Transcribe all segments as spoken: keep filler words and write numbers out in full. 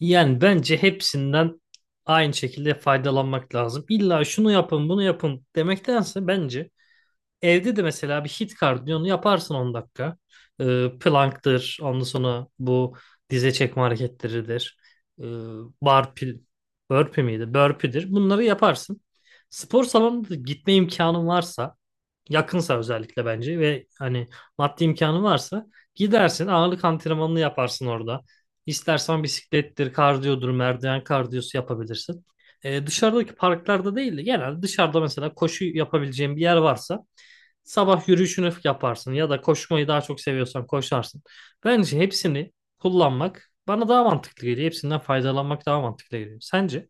Yani bence hepsinden aynı şekilde faydalanmak lazım. İlla şunu yapın, bunu yapın demektense bence evde de mesela bir hit kardiyonu yaparsın on dakika. Ee, plank'tır, ondan sonra bu dize çekme hareketleridir. Ee, burpee, burpee miydi? Burpee'dir. Bunları yaparsın. Spor salonuna da gitme imkanın varsa yakınsa özellikle bence ve hani maddi imkanı varsa gidersin ağırlık antrenmanını yaparsın orada. İstersen bisiklettir, kardiyodur, merdiven kardiyosu yapabilirsin. Ee, dışarıdaki parklarda değil de genelde dışarıda mesela koşu yapabileceğin bir yer varsa sabah yürüyüşünü yaparsın ya da koşmayı daha çok seviyorsan koşarsın. Bence hepsini kullanmak bana daha mantıklı geliyor. Hepsinden faydalanmak daha mantıklı geliyor. Sence?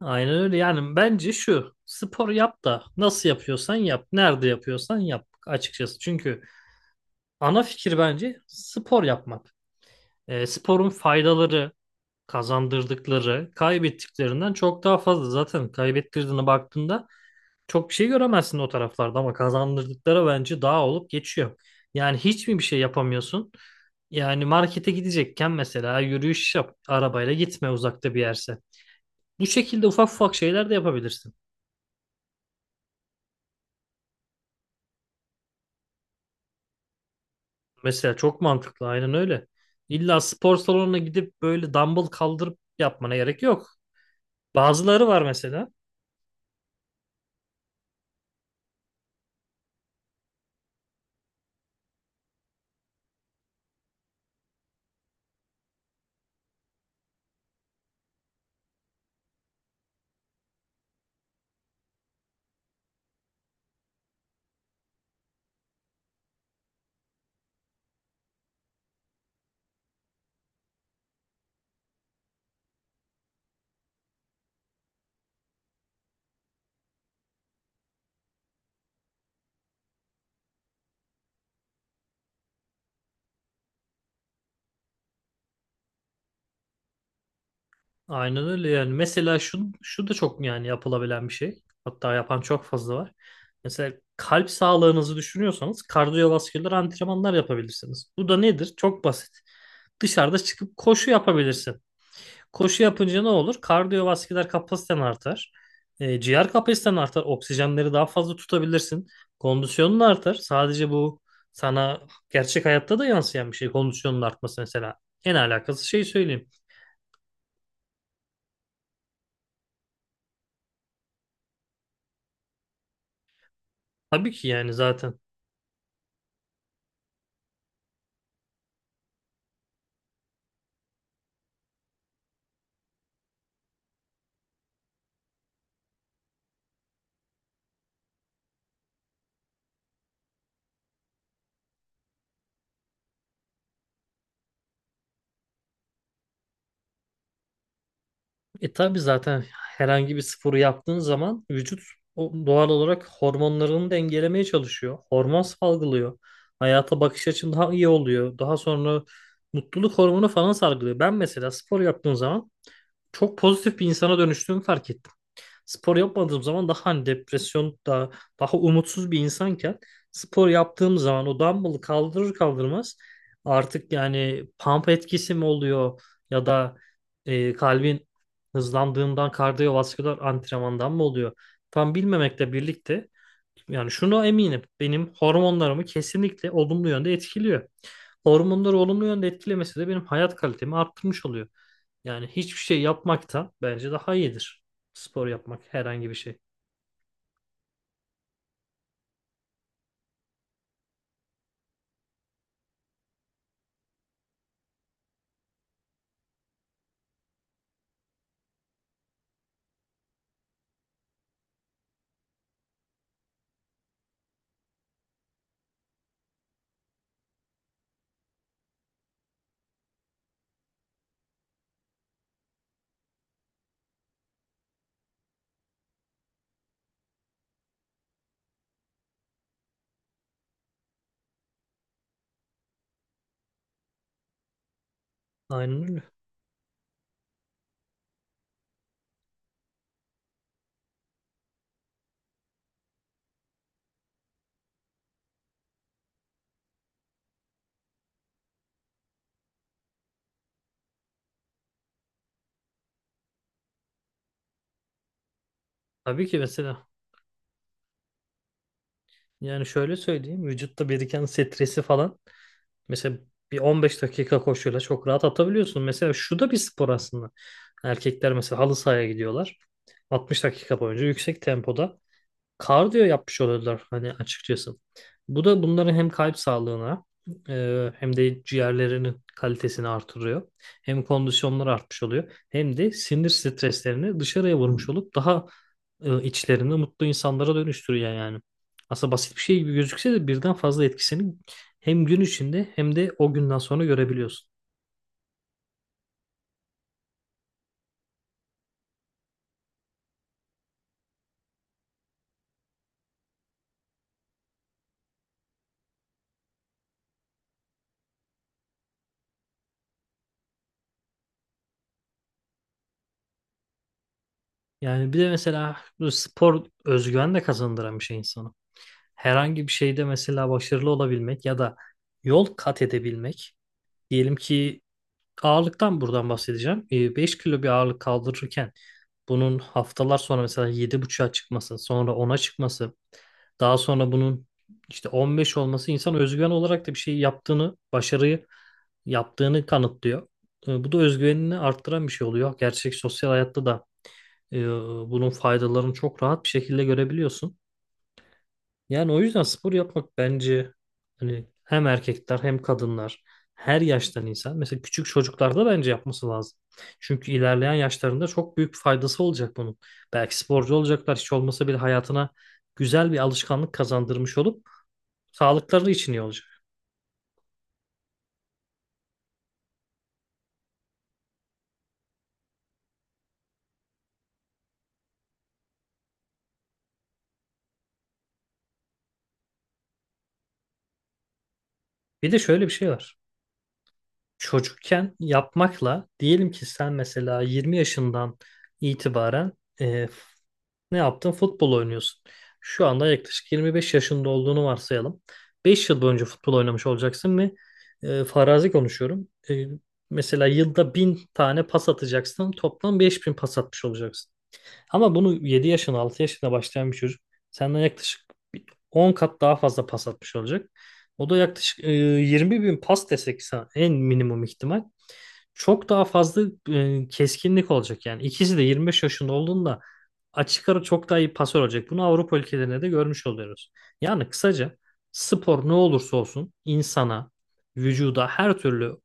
Aynen öyle. Yani bence şu spor yap da nasıl yapıyorsan yap. Nerede yapıyorsan yap açıkçası. Çünkü ana fikir bence spor yapmak. E, sporun faydaları, kazandırdıkları, kaybettiklerinden çok daha fazla. Zaten kaybettirdiğine baktığında çok bir şey göremezsin o taraflarda ama kazandırdıkları bence daha olup geçiyor. Yani hiç mi bir şey yapamıyorsun? Yani markete gidecekken mesela yürüyüş yap, arabayla gitme uzakta bir yerse. Bu şekilde ufak ufak şeyler de yapabilirsin. Mesela çok mantıklı, aynen öyle. İlla spor salonuna gidip böyle dumbbell kaldırıp yapmana gerek yok. Bazıları var mesela. Aynen öyle yani. Mesela şu, şu da çok yani yapılabilen bir şey. Hatta yapan çok fazla var. Mesela kalp sağlığınızı düşünüyorsanız kardiyovasküler antrenmanlar yapabilirsiniz. Bu da nedir? Çok basit. Dışarıda çıkıp koşu yapabilirsin. Koşu yapınca ne olur? Kardiyovasküler kapasiten artar. E, ciğer kapasiten artar. Oksijenleri daha fazla tutabilirsin. Kondisyonun artar. Sadece bu sana gerçek hayatta da yansıyan bir şey. Kondisyonun artması mesela. En alakası şey söyleyeyim. Tabii ki yani zaten. E tabii zaten herhangi bir sporu yaptığın zaman vücut o doğal olarak hormonlarını dengelemeye çalışıyor. Hormon salgılıyor. Hayata bakış açın daha iyi oluyor. Daha sonra mutluluk hormonu falan salgılıyor. Ben mesela spor yaptığım zaman çok pozitif bir insana dönüştüğümü fark ettim. Spor yapmadığım zaman daha hani depresyon daha, daha umutsuz bir insanken spor yaptığım zaman o dumbbell'ı kaldırır kaldırmaz artık yani pump etkisi mi oluyor ya da e, kalbin hızlandığından kardiyovasküler antrenmandan mı oluyor tam bilmemekle birlikte yani şunu eminim benim hormonlarımı kesinlikle olumlu yönde etkiliyor. Hormonları olumlu yönde etkilemesi de benim hayat kalitemi arttırmış oluyor. Yani hiçbir şey yapmaktan bence daha iyidir. Spor yapmak herhangi bir şey. Aynen öyle. Tabii ki mesela yani şöyle söyleyeyim, vücutta biriken stresi falan mesela bir on beş dakika koşuyla çok rahat atabiliyorsun. Mesela şu da bir spor aslında. Erkekler mesela halı sahaya gidiyorlar. altmış dakika boyunca yüksek tempoda kardiyo yapmış oluyorlar hani açıkçası. Bu da bunların hem kalp sağlığına e, hem de ciğerlerinin kalitesini artırıyor. Hem kondisyonları artmış oluyor. Hem de sinir streslerini dışarıya vurmuş olup daha e, içlerini mutlu insanlara dönüştürüyor yani. Aslında basit bir şey gibi gözükse de birden fazla etkisini hem gün içinde hem de o günden sonra görebiliyorsun. Yani bir de mesela bu spor özgüven de kazandıran bir şey insana. Herhangi bir şeyde mesela başarılı olabilmek ya da yol kat edebilmek. Diyelim ki ağırlıktan buradan bahsedeceğim. Ee, beş kilo bir ağırlık kaldırırken bunun haftalar sonra mesela yedi buçuğa çıkması, sonra ona çıkması, daha sonra bunun işte on beş olması insan özgüven olarak da bir şey yaptığını, başarıyı yaptığını kanıtlıyor. E, Bu da özgüvenini arttıran bir şey oluyor. Gerçek sosyal hayatta da e, bunun faydalarını çok rahat bir şekilde görebiliyorsun. Yani o yüzden spor yapmak bence hani hem erkekler hem kadınlar, her yaştan insan, mesela küçük çocuklarda bence yapması lazım. Çünkü ilerleyen yaşlarında çok büyük faydası olacak bunun. Belki sporcu olacaklar, hiç olmasa bile hayatına güzel bir alışkanlık kazandırmış olup sağlıkları için iyi olacak. Bir de şöyle bir şey var. Çocukken yapmakla diyelim ki sen mesela yirmi yaşından itibaren e, ne yaptın? Futbol oynuyorsun. Şu anda yaklaşık yirmi beş yaşında olduğunu varsayalım. beş yıl boyunca futbol oynamış olacaksın ve e, farazi konuşuyorum. E, mesela yılda bin tane pas atacaksın. Toplam beş bin pas atmış olacaksın. Ama bunu yedi yaşına, altı yaşına başlayan bir çocuk senden yaklaşık bir on kat daha fazla pas atmış olacak. O da yaklaşık e, yirmi bin pas desek sana en minimum ihtimal. Çok daha fazla e, keskinlik olacak yani. İkisi de yirmi beş yaşında olduğunda açık ara çok daha iyi pasör olacak. Bunu Avrupa ülkelerinde de görmüş oluyoruz. Yani kısaca spor ne olursa olsun insana, vücuda her türlü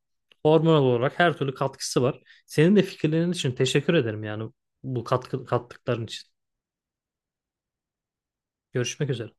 hormonal olarak her türlü katkısı var. Senin de fikirlerin için teşekkür ederim yani, bu katkı, kattıkların için. Görüşmek üzere.